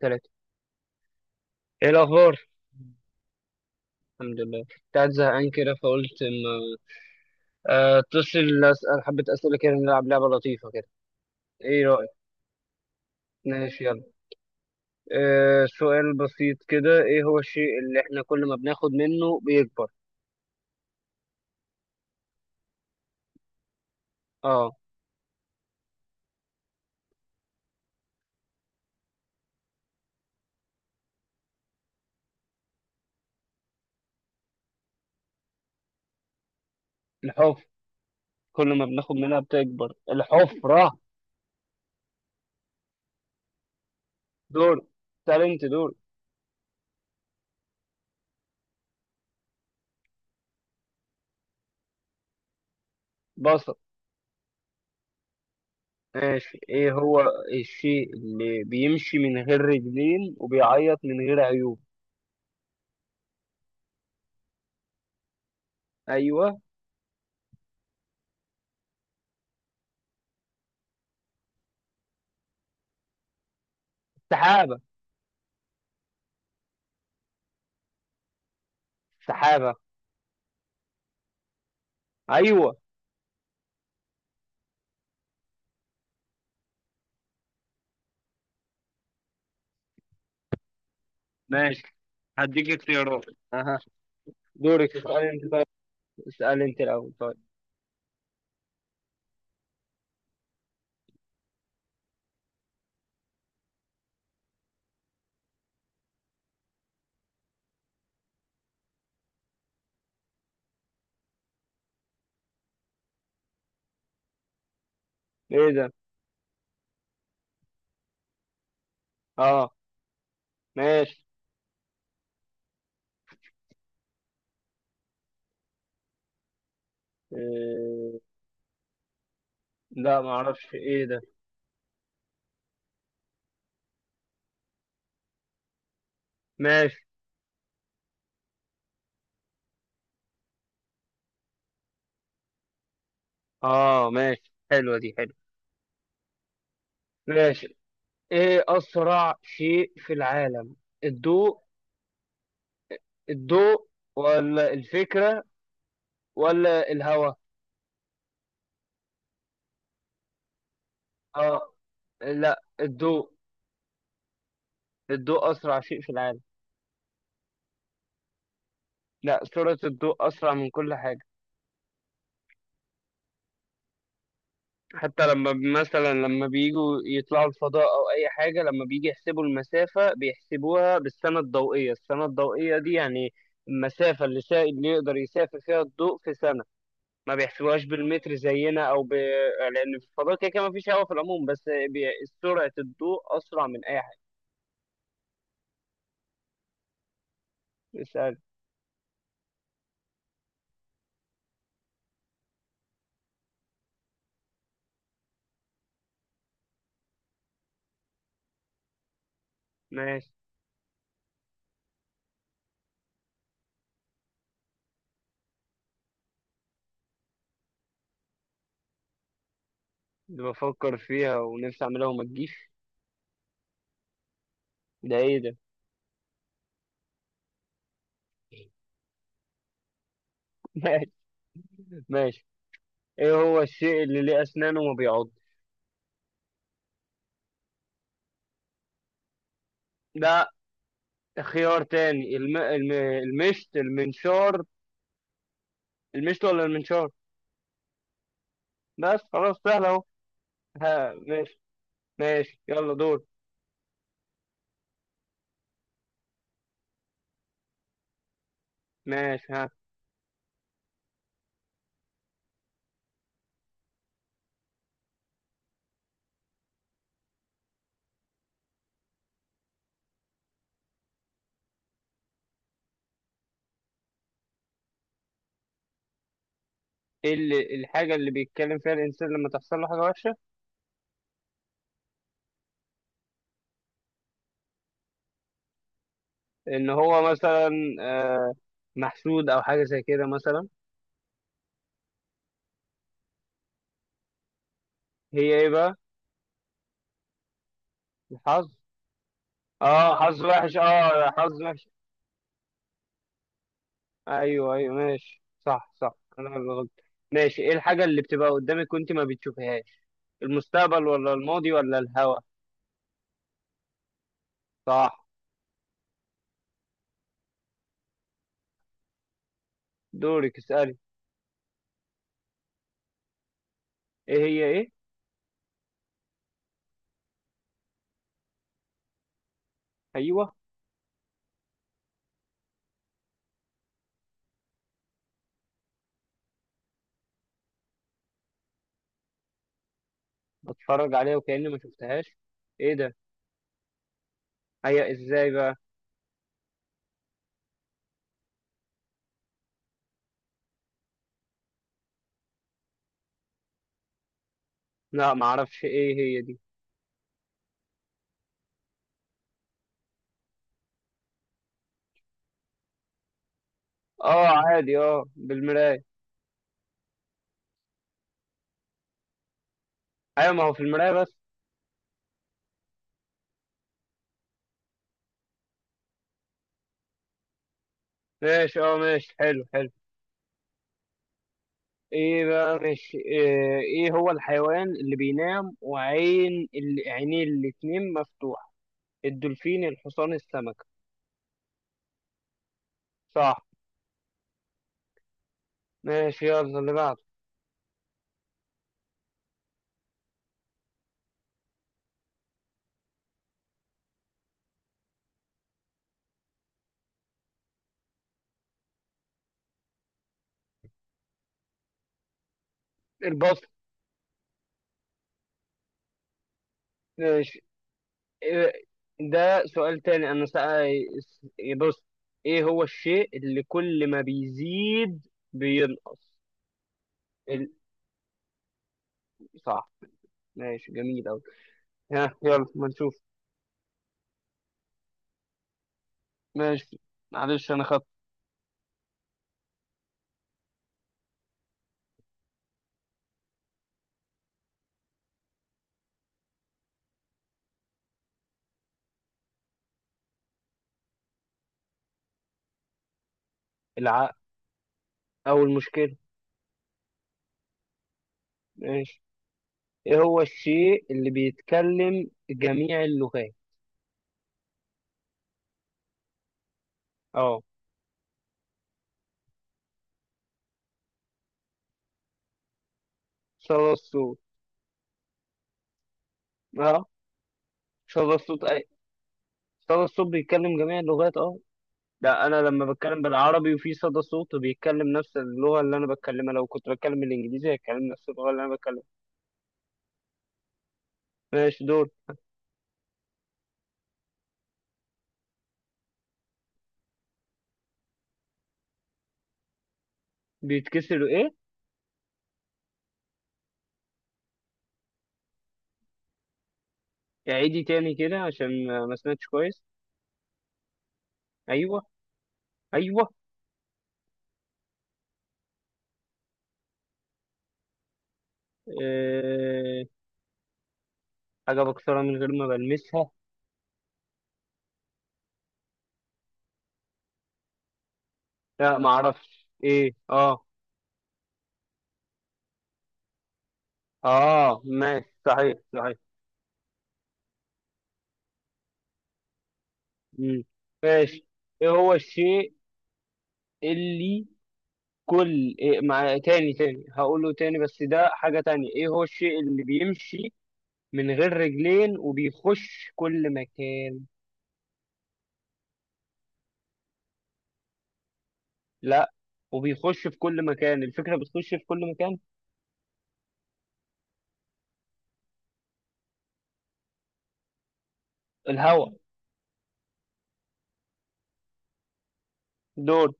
تلاتة. ايه الأخبار؟ الحمد لله، كنت قاعد زهقان كده فقلت اما اتصل أسأل حبة أسئلة كده، نلعب لعبة لطيفة كده. ايه رأيك؟ ماشي يلا. سؤال بسيط كده، ايه هو الشيء اللي احنا كل ما بناخد منه بيكبر؟ اه. الحفرة، كل ما بناخد منها بتكبر الحفرة. دور، انت دور. بصل. ماشي، ايه هو الشيء اللي بيمشي من غير رجلين وبيعيط من غير عيوب؟ ايوه. السحابة، السحابة. ايوه. ماشي، هديك اختيارات، اها. دورك اسألي انت، طيب اسألي انت الاول طيب. ايه ده؟ اه ماشي. إيه... لا ما اعرفش ايه ده. ماشي، اه ماشي، حلوة دي حلوة. ماشي، ايه اسرع شيء في العالم؟ الضوء، الضوء ولا الفكرة ولا الهواء؟ اه. لا، الضوء. الضوء اسرع شيء في العالم. لا، سرعة الضوء اسرع من كل حاجة. حتى لما مثلا لما بيجوا يطلعوا الفضاء او اي حاجه، لما بيجي يحسبوا المسافه بيحسبوها بالسنه الضوئيه. السنه الضوئيه دي يعني المسافه اللي اللي يقدر يسافر فيها الضوء في سنه. ما بيحسبوهاش بالمتر زينا لان في الفضاء كده كده ما فيش هواء في العموم. بس بي... سرعه الضوء اسرع من اي حاجه. اسال. ماشي. اللي بفكر فيها ونفسي اعملها وما تجيش، ده ايه ده؟ ماشي ماشي. ايه هو الشيء اللي ليه اسنان وما بيعض؟ ده خيار تاني. المشت المنشار، المشت ولا المنشار؟ بس خلاص سهل اهو. ها ماشي. ماشي يلا دور. ماشي ها. ايه اللي الحاجة اللي بيتكلم فيها الإنسان لما تحصل له حاجة وحشة؟ إن هو مثلا، آه محسود أو حاجة زي كده مثلا. هي ايه بقى؟ الحظ. اه حظ وحش، اه حظ وحش. ايوه ايوه، ماشي، صح صح، انا اللي غلط. ماشي، ايه الحاجة اللي بتبقى قدامك وانت ما بتشوفهاش؟ المستقبل ولا الماضي ولا الهوا؟ صح. دورك اسألي. ايه هي ايه؟ ايوه. بتفرج عليها وكأني ما شفتهاش، ايه ده؟ هي ازاي بقى؟ لا ما اعرفش ايه هي دي. اه عادي، اه بالمراية. ايوه، ما هو في المراية بس. ماشي، اه ماشي، حلو حلو. ايه بقى ماشي ايه، ايه هو الحيوان اللي بينام عينيه الاتنين مفتوحة؟ الدولفين، الحصان، السمكة؟ صح. ماشي يلا اللي بعده. البط. ماشي. إيه- ده سؤال تاني. بص، ايه هو الشيء اللي كل ما بيزيد بينقص؟ ال... صح. ماشي جميل اوي. ها يلا ما نشوف. ماشي، معلش انا خدت. العقل او المشكلة. ماشي، ايه هو الشيء اللي بيتكلم جميع اللغات؟ اه. صدى الصوت. اه صدى الصوت اي؟ صدى الصوت بيتكلم جميع اللغات، اه. ده انا لما بتكلم بالعربي وفي صدى صوت بيتكلم نفس اللغه اللي انا بتكلمها، لو كنت بتكلم بالانجليزي هيتكلم نفس اللغه اللي انا بتكلمها. ماشي دول. بيتكسروا ايه؟ اعيدي تاني كده عشان ما سمعتش كويس. ايوه ايوه. أه... حاجه بكسرها من غير ما بلمسها. لا ما اعرفش ايه اه. اه ماشي، صحيح صحيح. مم. ماشي. ايه هو الشيء اللي كل إيه مع تاني تاني هقوله تاني، بس ده حاجة تانية. ايه هو الشيء اللي بيمشي من غير رجلين وبيخش كل مكان؟ لا. وبيخش في كل مكان، الفكرة بتخش في كل مكان. الهواء. دور.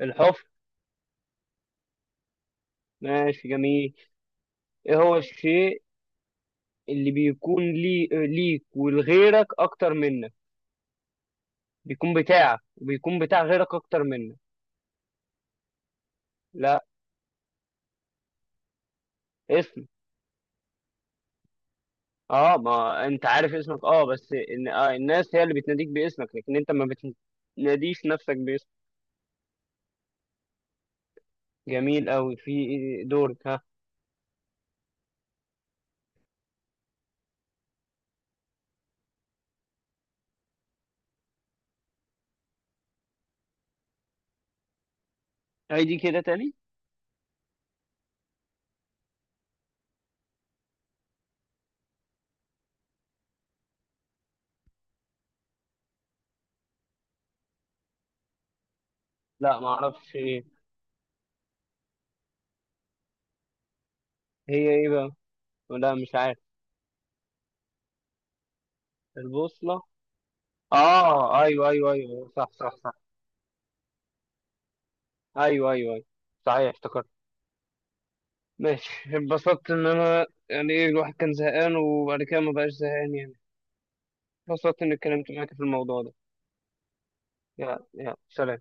الحفر. ماشي جميل. ايه هو الشيء اللي ليك ولغيرك اكتر منك؟ بيكون بتاعك وبيكون بتاع غيرك اكتر منك. لا. اسم. اه ما انت عارف اسمك، اه بس إن... آه الناس هي اللي بتناديك باسمك لكن انت ما بتناديش نفسك باسمك. جميل قوي في. دورك ها. هيدي كده تاني. لا ما اعرفش. هي ايه بقى؟ لا مش عارف. البوصلة. اه ايوه ايوه ايوه أيوه، صح صح صح. ايوه ايوه ايوه، صحيح افتكرت. ماشي. اتبسطت ان انا يعني، ايه الواحد كان زهقان وبعد كده ما بقاش زهقان يعني. اتبسطت اني اتكلمت معاك في الموضوع ده. يلا يلا سلام.